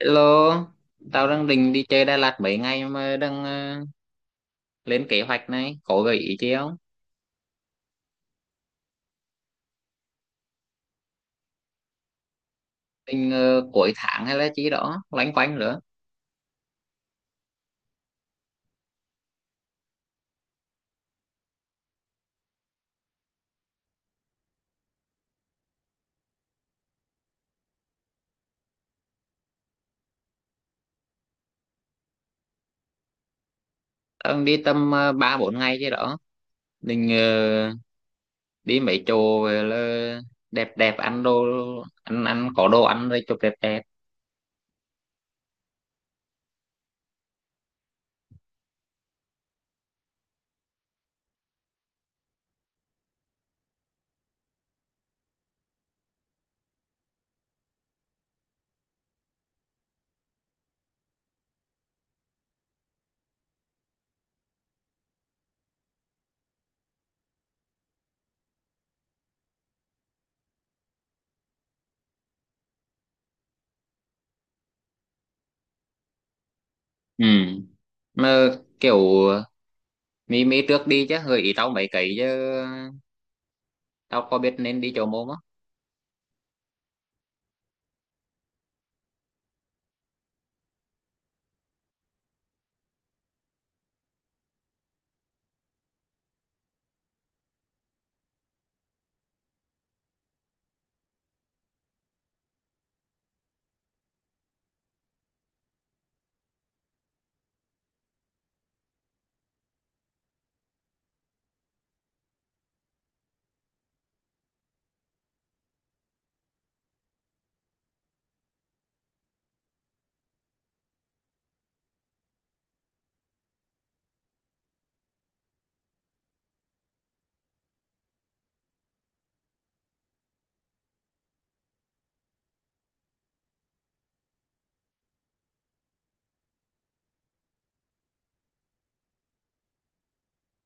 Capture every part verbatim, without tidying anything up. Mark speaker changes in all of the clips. Speaker 1: Hello, tao đang định đi chơi Đà Lạt mấy ngày mà đang ờ, lên kế hoạch này, có gợi ý chi không? Định ờ, cuối tháng hay là chi đó, loanh quanh nữa. Tao đang đi tầm ờ, ba bốn ngày chi đó, định ờ, đi mấy chỗ về là đẹp đẹp ăn đồ ăn ăn có đồ ăn rồi chụp đẹp đẹp. Ừ. Mà kiểu mi mi trước đi chứ gợi ý tao mấy cái chứ tao có biết nên đi chỗ mô không?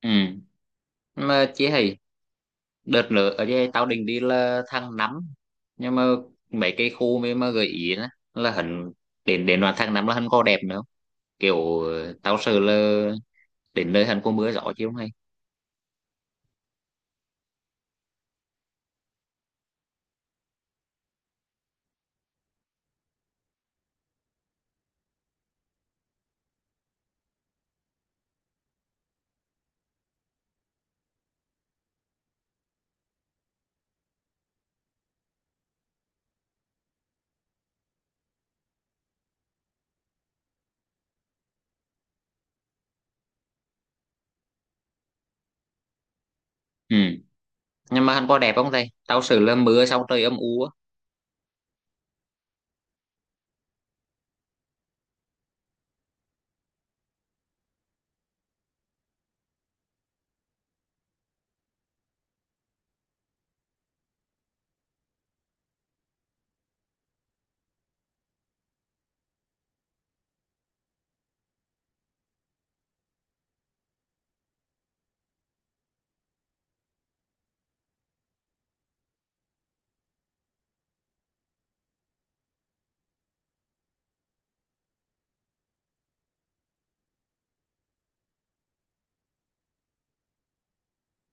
Speaker 1: Ừ. Mà chị hay đợt nữa ở đây tao định đi là tháng năm, nhưng mà mấy cái khu mà mà gợi ý đó, là hắn đến đến đoạn tháng năm là hắn có đẹp nữa không? Kiểu ờ, tao sợ là đến nơi hắn có mưa gió chứ không hay. Ừ. Nhưng mà hắn có đẹp không thầy, tao sợ là mưa xong trời âm u á.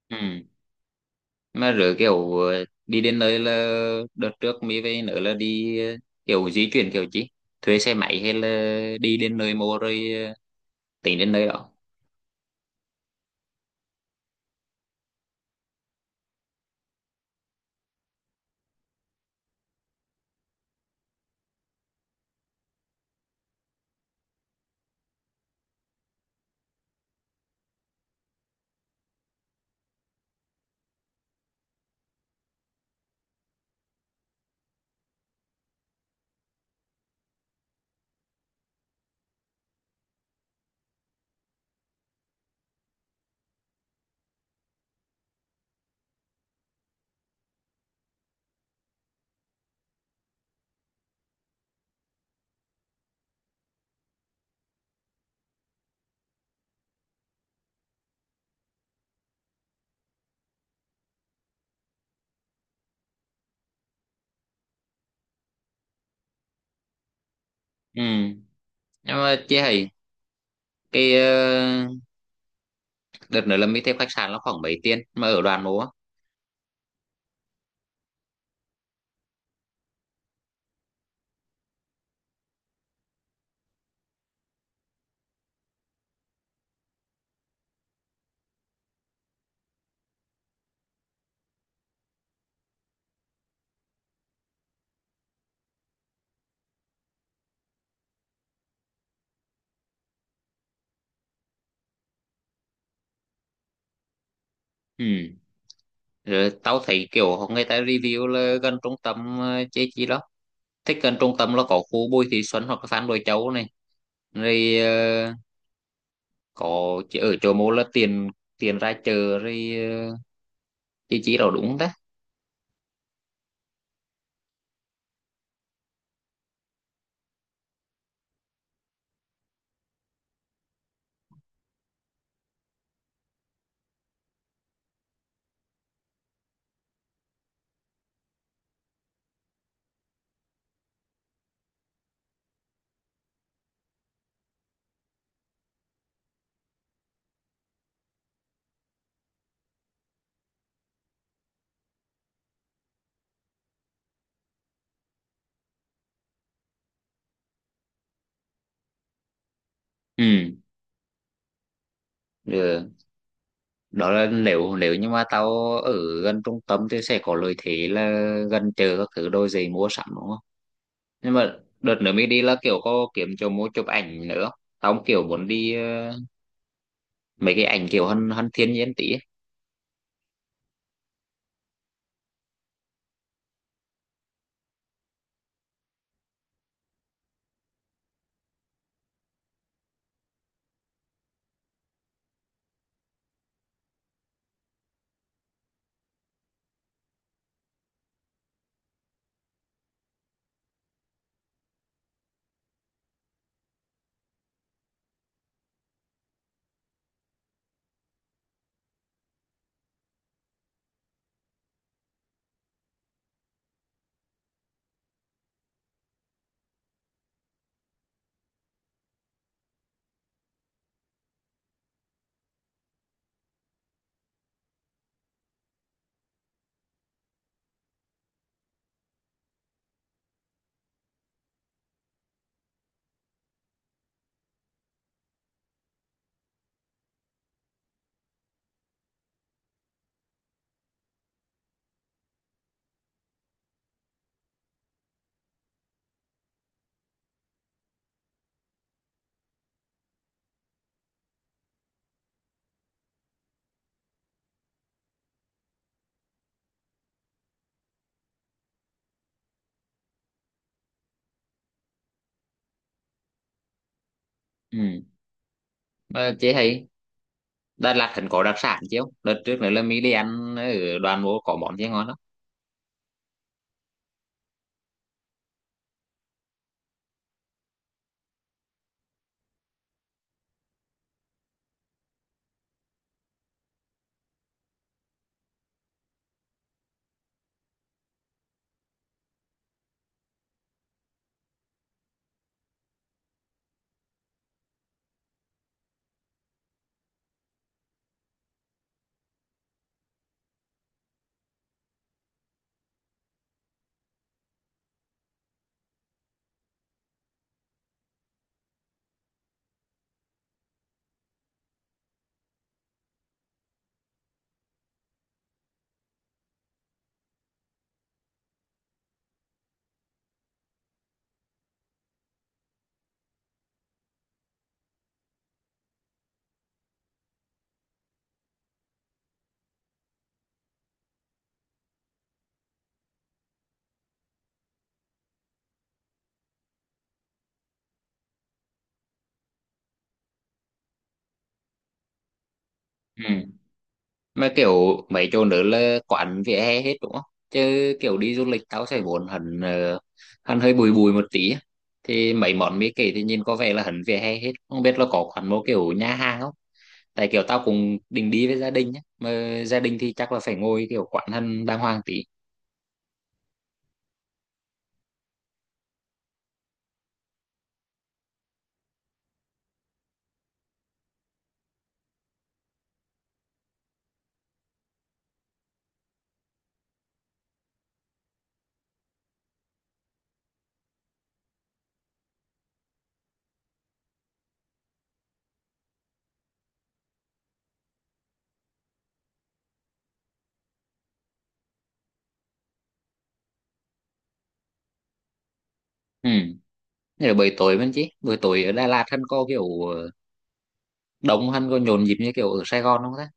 Speaker 1: Ừ. Mà rồi kiểu ờ, đi đến nơi là đợt trước mới về nữa là đi ờ, kiểu di chuyển kiểu gì, thuê xe máy hay là đi đến nơi mua rồi ờ, tính đến nơi đó. Ừ. Nhưng mà chứ hay cái ờ, đợt nữa là mình thêm khách sạn nó khoảng mấy tiền mà ở đoàn mô á. Ừ, rồi tao thấy kiểu người ta review là gần trung tâm ờ, chế chi đó, thích gần trung tâm là có khu Bùi Thị Xuân hoặc là Phan Bội Châu này, rồi ờ, có chỗ- ở chỗ mô là tiền tiền ra chợ rồi ờ, chế chi đó đúng không ta. Ừ, được. Đó là nếu nếu như mà tao ở gần trung tâm thì sẽ có lợi thế là gần chợ các thứ đôi giày mua sắm đúng không. Nhưng mà đợt nữa mới đi là kiểu có kiếm chỗ mua chụp ảnh nữa không? Tao cũng kiểu muốn đi ờ, mấy cái ảnh kiểu hơn hơn thiên nhiên tí ấy. Ừ. Mà chế thấy Đà Lạt hẳn có đặc sản chứ không? Đợt trước nữa là mỹ đi ăn ở đoàn vô có món gì ngon lắm. Ừ. Mà kiểu mấy chỗ nữa là quán vỉa hè hết đúng không, chứ kiểu đi du lịch tao sẽ muốn hẳn ờ, hẳn hơi bùi bùi một tí á. Thì mấy món mỹ kể thì nhìn có vẻ là hẳn vỉa hè hết, không biết là có quán một kiểu nhà hàng không, tại kiểu tao cũng định đi với gia đình nhé, mà gia đình thì chắc là phải ngồi kiểu quán hẳn đàng hoàng tí. Ừ. Thế là buổi tối vẫn chứ buổi tối ở Đà Lạt hắn có kiểu ờ, đông, hắn có nhộn nhịp như kiểu ở Sài Gòn không ta.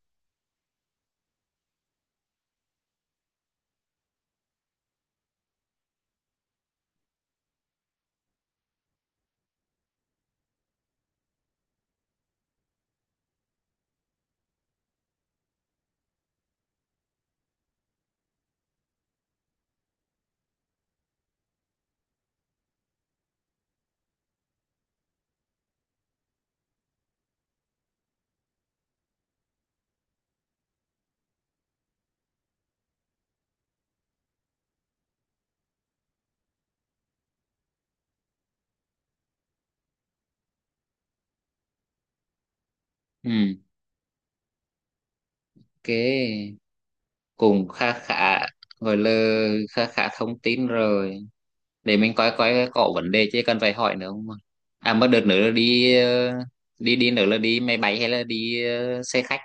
Speaker 1: Ừ, cái cũng khá khá, gọi là khá khá thông tin rồi, để mình coi coi có vấn đề chứ cần phải hỏi nữa không. À mà đợt nữa là đi ờ, đi đi nữa là đi máy bay hay là đi ờ, xe khách.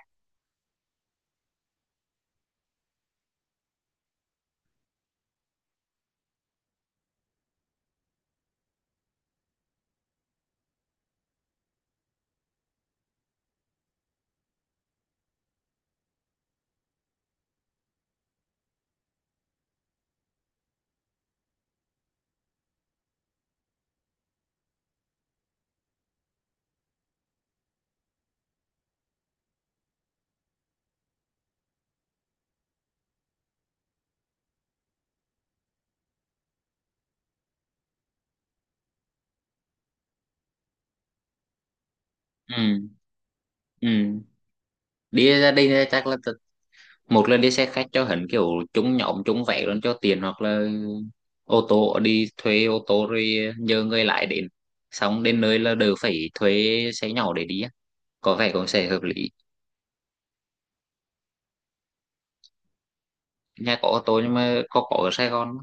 Speaker 1: Ừ. Ừ, đi gia đình chắc là một là đi xe khách cho hẳn kiểu chúng nhóm chúng vẽ luôn cho tiền, hoặc là ô tô, đi thuê ô tô rồi nhờ người lái đến, xong đến nơi là đều phải thuê xe nhỏ để đi á. Có vẻ cũng sẽ hợp lý. Nhà có ô tô nhưng mà có có ở Sài Gòn không?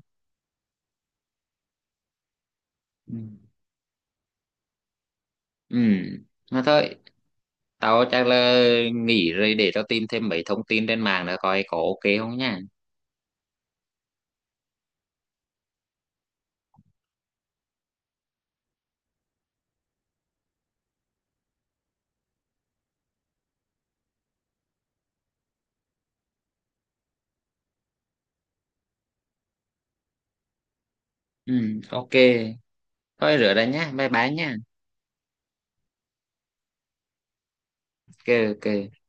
Speaker 1: Ừ, mà thôi, tao chắc là nghỉ rồi, để tao tìm thêm mấy thông tin trên mạng nữa coi có ok không nha. Ừ, ok, thôi rửa đây nhá, bye bye nha. Ok. Ok.